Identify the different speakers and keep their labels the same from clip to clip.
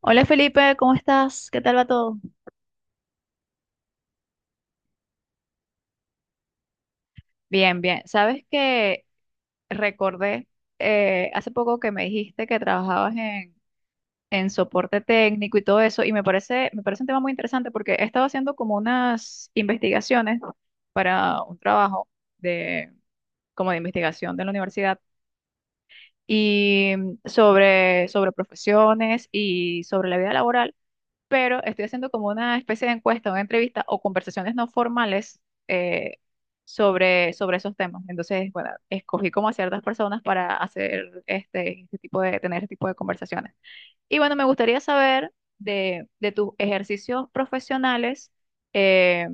Speaker 1: Hola Felipe, ¿cómo estás? ¿Qué tal va todo? Bien, bien. Sabes que recordé hace poco que me dijiste que trabajabas en soporte técnico y todo eso, y me parece un tema muy interesante porque he estado haciendo como unas investigaciones para un trabajo de, como de investigación de la universidad y sobre, sobre profesiones y sobre la vida laboral. Pero estoy haciendo como una especie de encuesta, una entrevista o conversaciones no formales, eh, sobre, sobre esos temas. Entonces, bueno, escogí como a ciertas personas para hacer este, este tipo de, tener este tipo de conversaciones. Y bueno, me gustaría saber de tus ejercicios profesionales, eh,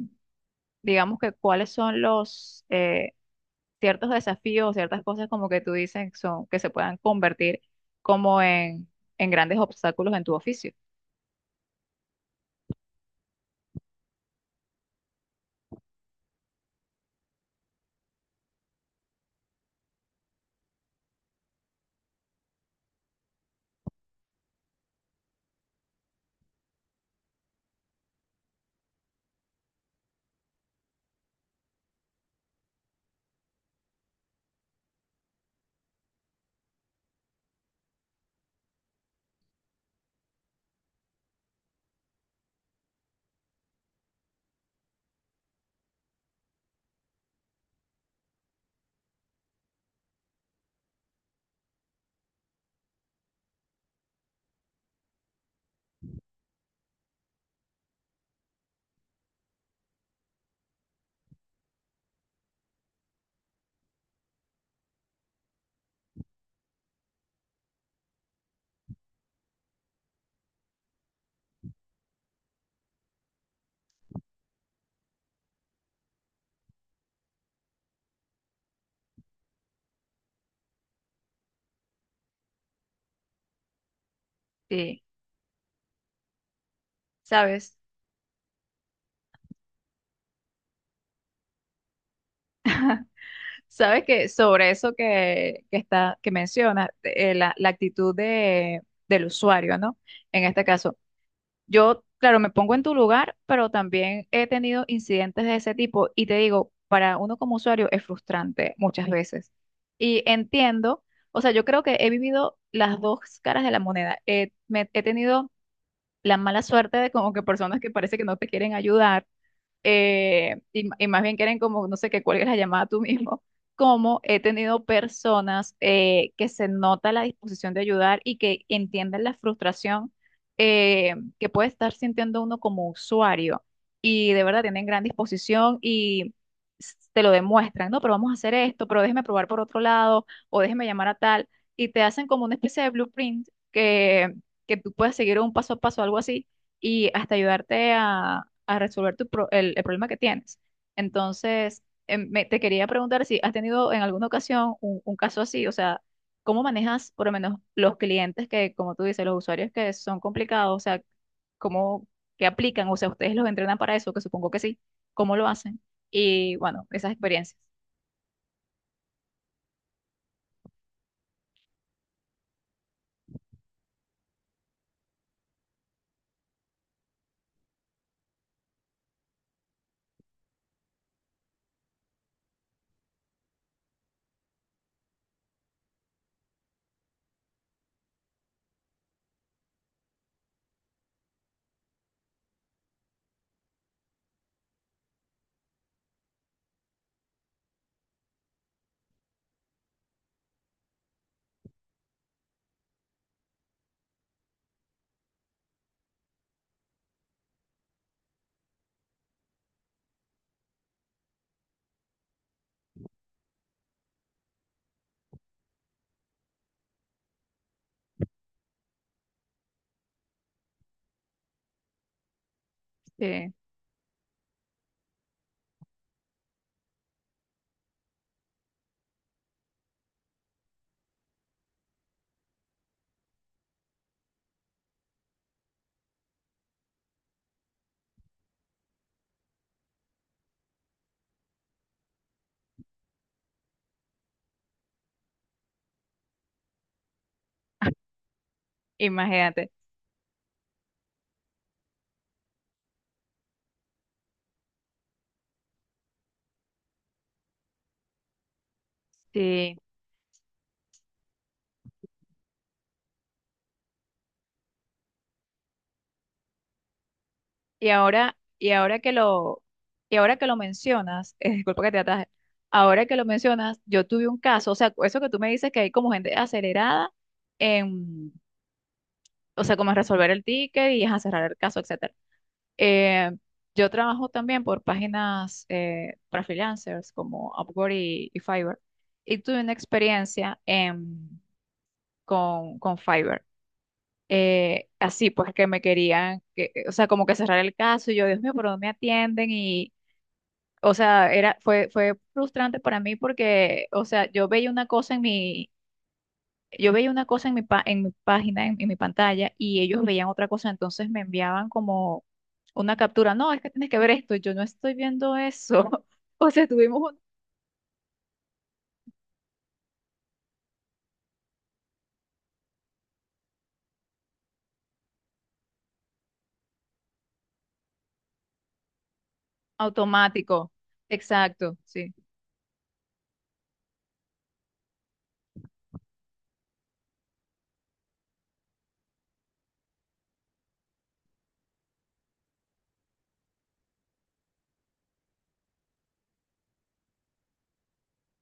Speaker 1: digamos que cuáles son los ciertos desafíos, ciertas cosas como que tú dices son, que se puedan convertir como en, en grandes obstáculos en tu oficio. Sí, sabes, sabes que sobre eso que está, que mencionas, la, la actitud de, del usuario, ¿no? En este caso, yo, claro, me pongo en tu lugar, pero también he tenido incidentes de ese tipo y te digo, para uno como usuario es frustrante muchas veces. Y entiendo, o sea, yo creo que he vivido las dos caras de la moneda. Me- he tenido la mala suerte de como que personas que parece que no te quieren ayudar y más bien quieren como, no sé, que cuelgues la llamada tú mismo, como he tenido personas que se nota la disposición de ayudar y que entienden la frustración que puede estar sintiendo uno como usuario y de verdad tienen gran disposición y s- te lo demuestran, no, pero vamos a hacer esto, pero déjeme probar por otro lado o déjeme llamar a tal y te hacen como una especie de blueprint que tú puedes seguir un paso a paso, algo así y hasta ayudarte a resolver tu pro- el problema que tienes. Entonces, me- te quería preguntar si has tenido en alguna ocasión un caso así, o sea, ¿cómo manejas por lo menos los clientes que, como tú dices, los usuarios que son complicados? O sea, cómo que aplican, o sea, ¿ustedes los entrenan para eso, que supongo que sí, ¿cómo lo hacen? Y bueno, esas experiencias, sí, imagínate. Sí. Y ahora que lo, y ahora que lo mencionas, disculpa que te ataje, ahora que lo mencionas, yo tuve un caso, o sea, eso que tú me dices que hay como gente acelerada en, o sea, como en resolver el ticket y a cerrar el caso, etcétera. Eh, yo trabajo también por páginas para freelancers como Upwork y Fiverr, y tuve una experiencia en- con Fiverr. Eh, así pues que me querían, que, o sea, como que cerrar el caso y yo, Dios mío, ¿por dónde me atienden? O sea, era, fue, fue frustrante para mí porque, o sea, yo veía una cosa en mi, yo veía una cosa en mi, pa- en mi página, en mi pantalla, y ellos veían otra cosa, entonces me enviaban como una captura. No, es que tienes que ver esto, y yo no estoy viendo eso. O sea, tuvimos un automático. Exacto, sí.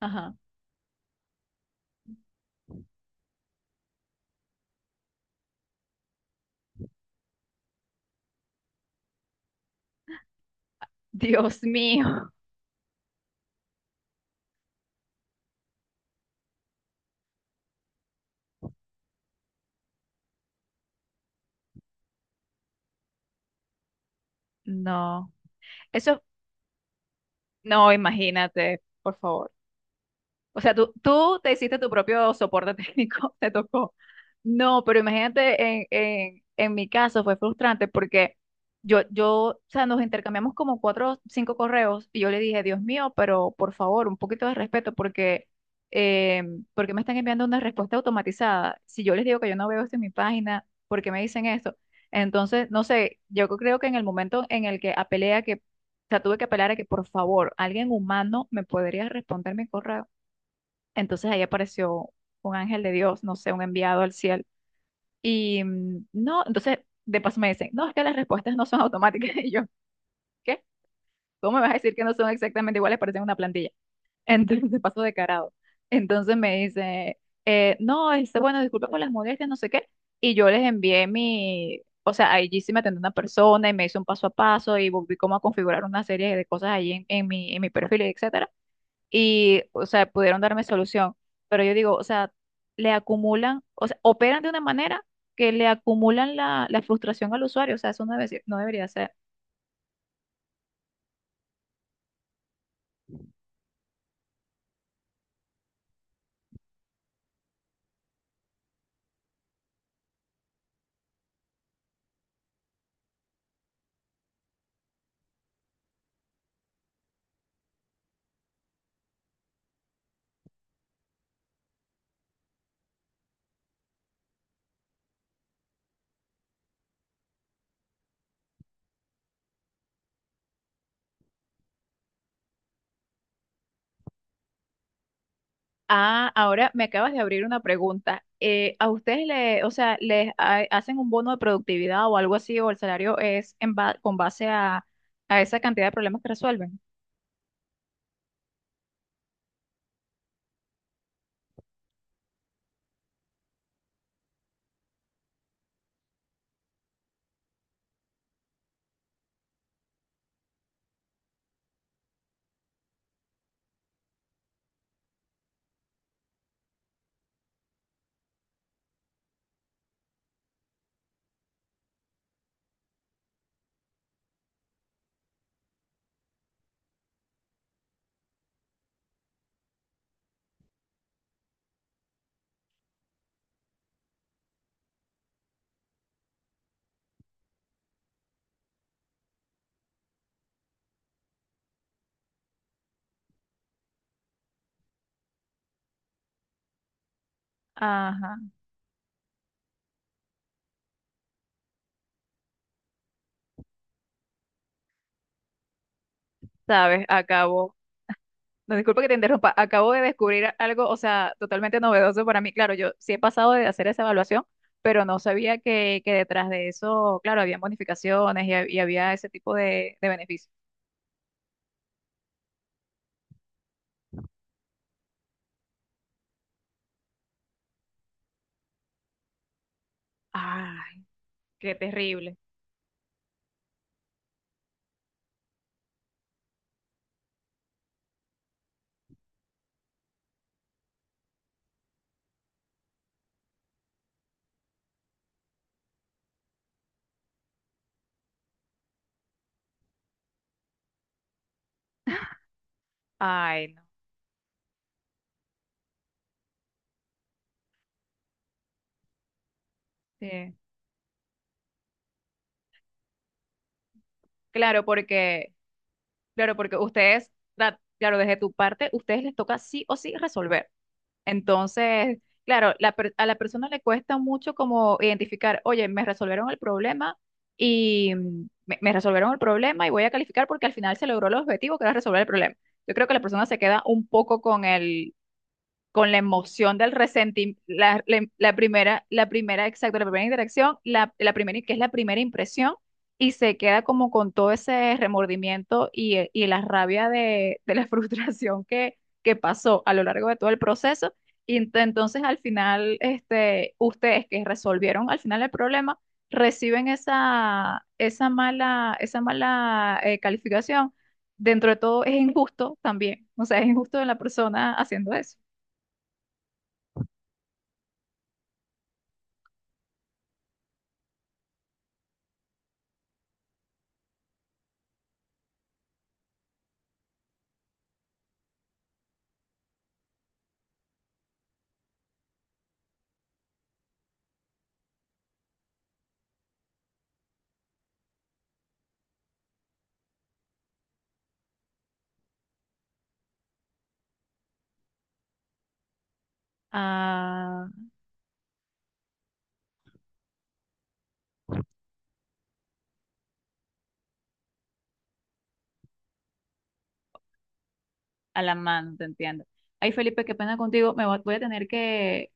Speaker 1: Ajá. Dios mío. No. Eso, no, imagínate, por favor. O sea, tú te hiciste tu propio soporte técnico, te tocó. No, pero imagínate, en, en mi caso fue frustrante porque yo, o sea, nos intercambiamos como cuatro o cinco correos y yo le dije, Dios mío, pero por favor, un poquito de respeto porque, eh, porque me están enviando una respuesta automatizada. Si yo les digo que yo no veo esto en mi página, ¿por qué me dicen esto? Entonces, no sé, yo creo que en el momento en el que apelé a que, o sea, tuve que apelar a que por favor, alguien humano me podría responder mi correo entonces ahí apareció un ángel de Dios, no sé, un enviado al cielo. Y no, entonces de paso me dicen, no, es que las respuestas no son automáticas. Y yo, ¿qué? ¿Cómo me vas a decir que no son exactamente iguales? Parecen una plantilla. Entonces de paso de carado. Entonces me dice, no, este, bueno, disculpa por las molestias, no sé qué. Y yo les envié mi, o sea, allí sí me atendió una persona y me hizo un paso a paso y volví como a configurar una serie de cosas ahí en mi perfil, etc y, o sea, pudieron darme solución. Pero yo digo, o sea, le acumulan, o sea, operan de una manera que le acumulan la, la frustración al usuario, o sea, eso no debe ser- no debería ser. Ah, ahora me acabas de abrir una pregunta. ¿A ustedes le, o sea, les ha- hacen un bono de productividad o algo así, o el salario es en ba- con base a esa cantidad de problemas que resuelven? Ajá, sabes, acabo. No, disculpa que te interrumpa. Acabo de descubrir algo, o sea, totalmente novedoso para mí. Claro, yo sí he pasado de hacer esa evaluación, pero no sabía que detrás de eso, claro, había bonificaciones y había ese tipo de beneficios. Ay, qué terrible. Ay, no. Sí. Claro, porque, claro, porque ustedes, la- claro, desde tu parte, ustedes les toca sí o sí resolver. Entonces, claro, la per- a la persona le cuesta mucho como identificar, oye, me resolvieron el problema y me, me resolvieron el problema y voy a calificar porque al final se logró el objetivo que era resolver el problema. Yo creo que la persona se queda un poco con el, con la emoción del resentimiento, la- la primera, exacto, la primera interacción, la primera, que es la primera impresión, y se queda como con todo ese remordimiento y la rabia de la frustración que pasó a lo largo de todo el proceso. Y ent- entonces al final, este, ustedes que resolvieron al final el problema, reciben esa, esa mala calificación. Dentro de todo es injusto también, o sea, es injusto de la persona haciendo eso. Ah, a la mano, te entiendo. Ay, Felipe, qué pena contigo. Me va- voy a tener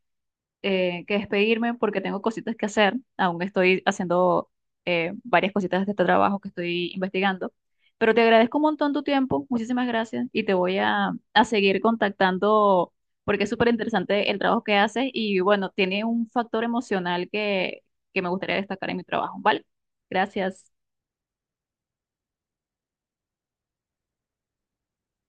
Speaker 1: que despedirme porque tengo cositas que hacer. Aún estoy haciendo varias cositas de este trabajo que estoy investigando. Pero te agradezco un montón tu tiempo. Muchísimas gracias. Y te voy a seguir contactando porque es súper interesante el trabajo que haces. Y bueno, tiene un factor emocional que me gustaría destacar en mi trabajo. ¿Vale? Gracias.